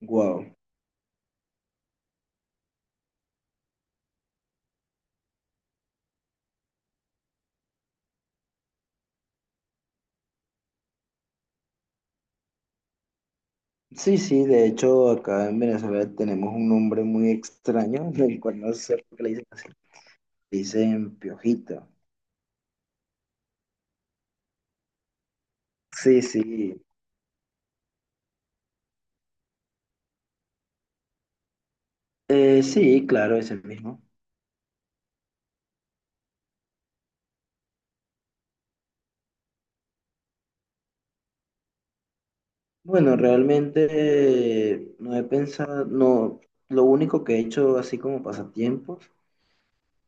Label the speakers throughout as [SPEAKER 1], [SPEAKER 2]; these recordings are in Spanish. [SPEAKER 1] Wow. Sí, sí, de hecho acá en Venezuela tenemos un nombre muy extraño, del cual no sé por qué le dicen así. Le dicen piojito. Sí, sí. Sí, claro, es el mismo. Bueno, realmente no he pensado, no, lo único que he hecho así como pasatiempos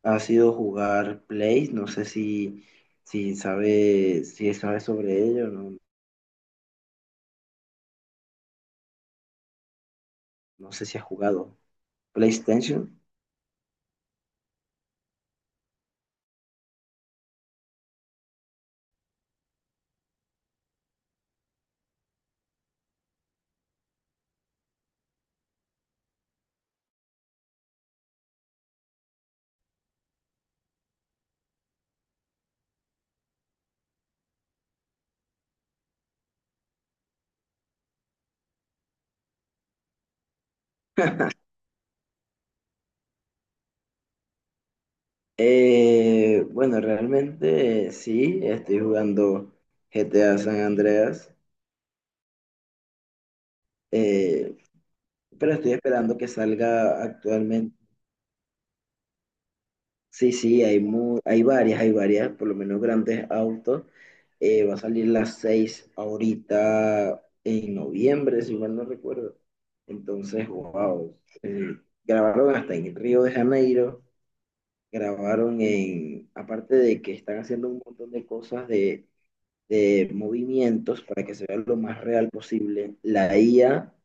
[SPEAKER 1] ha sido jugar Play, no sé si sabe sobre ello, no, no sé si has jugado PlayStation. Bueno, realmente sí, estoy jugando GTA San Andreas, eh, pero estoy esperando que salga actualmente. Sí, sí, hay varias, por lo menos grandes autos. Va a salir las 6 ahorita en noviembre, si mal no recuerdo. Entonces, wow. eh, grabaron hasta en Río de Janeiro, aparte de que están haciendo un montón de cosas de movimientos para que se vea lo más real posible. La IA,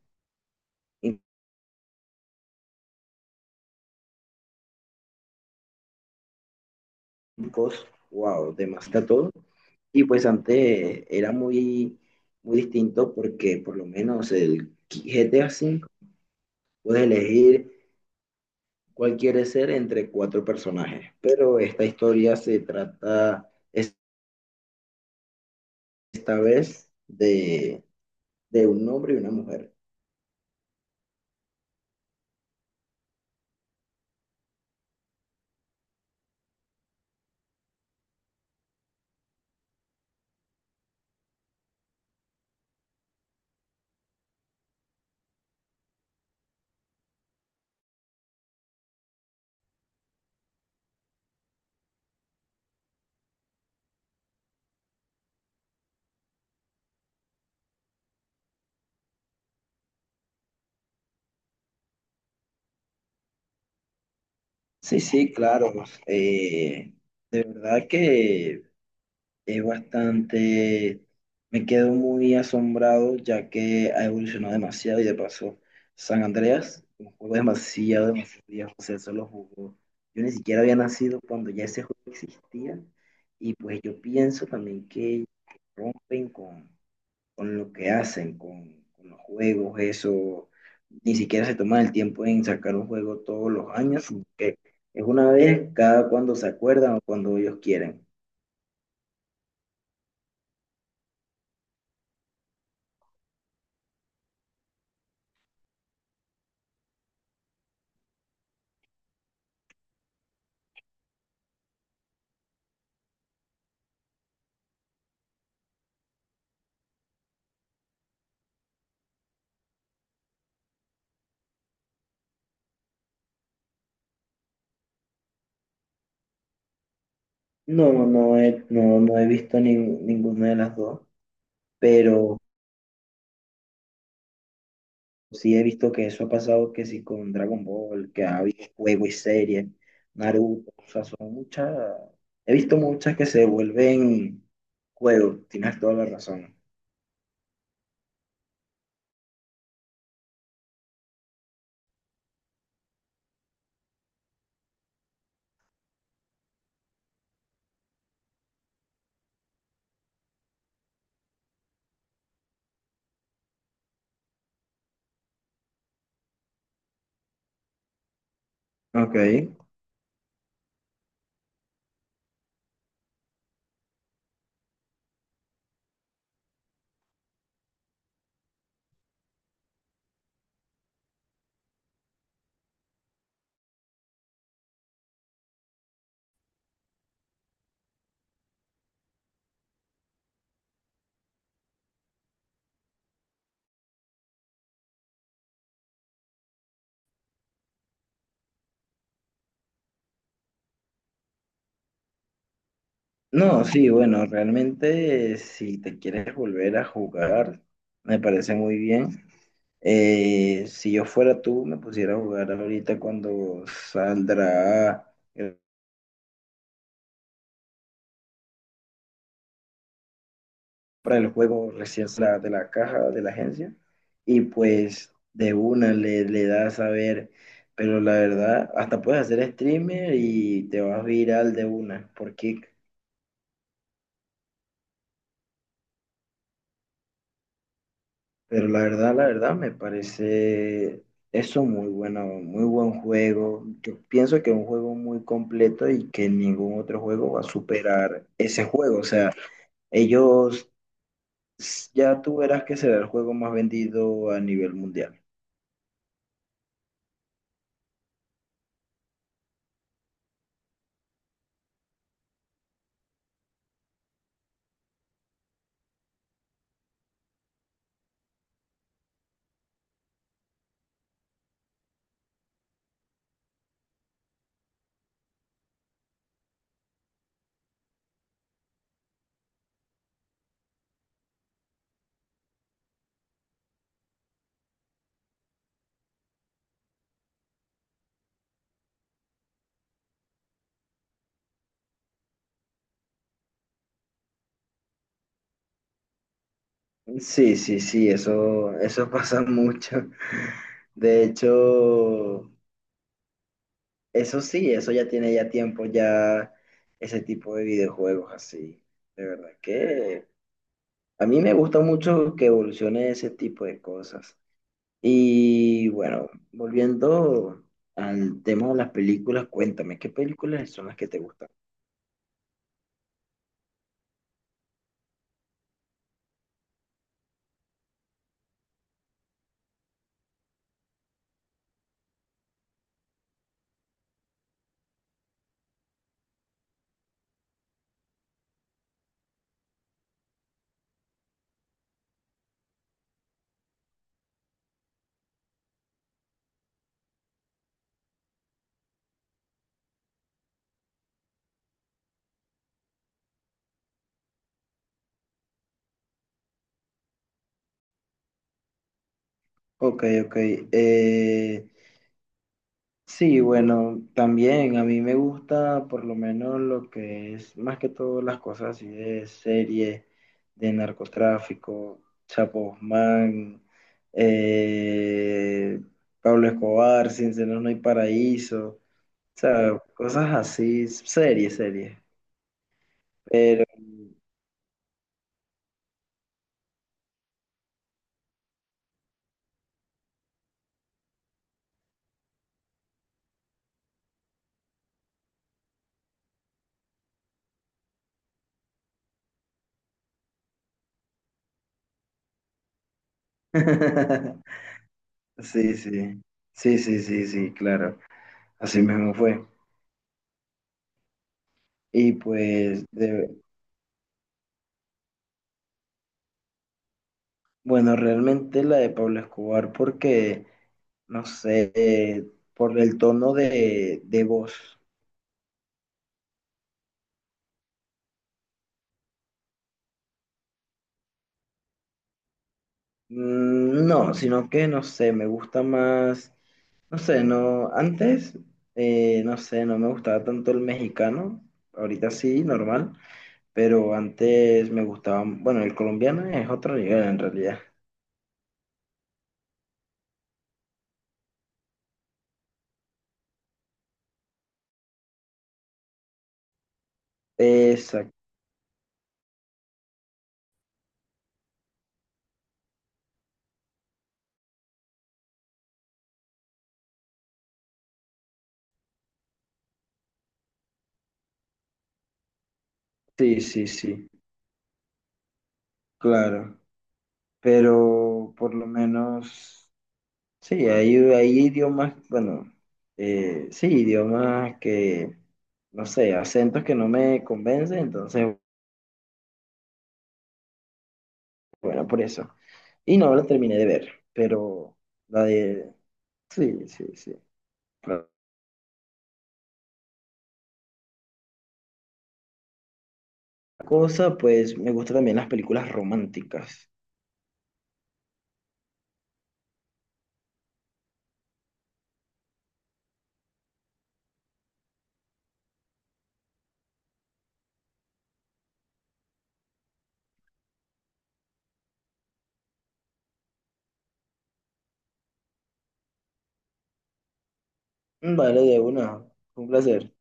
[SPEAKER 1] incos, wow, demasiado todo. Y pues antes era muy, muy distinto porque por lo menos el GTA V puedes elegir cuál quieres ser entre cuatro personajes. Pero esta historia se trata esta vez de un hombre y una mujer. Sí, sí, claro. eh, de verdad que Es bastante, me quedo muy asombrado ya que ha evolucionado demasiado y de paso, San Andreas, un juego demasiado, demasiado viejo, o sea, eso lo jugó. Yo ni siquiera había nacido cuando ya ese juego existía y pues yo pienso también que rompen con lo que hacen, con los juegos, eso, ni siquiera se toman el tiempo en sacar un juego todos los años, sino que es una vez cada cuando se acuerdan o cuando ellos quieren. No, no he visto ninguna de las dos, pero sí he visto que eso ha pasado, que sí con Dragon Ball, que ha habido juego y serie, Naruto, o sea, son muchas, he visto muchas que se vuelven juego, tienes toda la razón. Ok. No, sí, bueno, realmente si te quieres volver a jugar, me parece muy bien. Si yo fuera tú, me pusiera a jugar ahorita cuando saldrá. Para el juego recién de la caja de la agencia y pues de una le das a ver, pero la verdad, hasta puedes hacer streamer y te vas viral de una por Kick. Pero la verdad, me parece eso muy bueno, muy buen juego. Yo pienso que es un juego muy completo y que ningún otro juego va a superar ese juego. O sea, ellos ya tú verás que será el juego más vendido a nivel mundial. Sí, sí, sí, eso pasa mucho. De hecho, eso sí, eso ya tiene ya tiempo, ya ese tipo de videojuegos así. De verdad que a mí me gusta mucho que evolucione ese tipo de cosas. Y bueno, volviendo al tema de las películas, cuéntame, ¿qué películas son las que te gustan? Ok, ok. eh, Sí, bueno, también a mí me gusta por lo menos lo que es más que todo las cosas así de serie, de narcotráfico, Chapo Guzmán, eh, Pablo Escobar, Sin Senos No Hay Paraíso, o sea, cosas así, serie, serie. Pero sí, sí, sí, sí, sí, sí, claro, así mismo fue. Y pues, bueno, realmente la de Pablo Escobar porque, no sé, por el tono de voz. Mm, no, sino que no sé, me gusta más, no sé, no, antes, no sé, no me gustaba tanto el mexicano, ahorita sí, normal, pero antes me gustaba, bueno, el colombiano es otro nivel en realidad. Exacto, sí, sí, sí, claro, pero por lo menos. Sí, hay idiomas, bueno, sí, idiomas que, no sé, acentos que no me convencen, entonces, bueno, por eso. Y no la terminé de ver, pero la de... Sí, sí, sí. Otra cosa, pues me gustan también las películas románticas. Vale, de una. Un placer.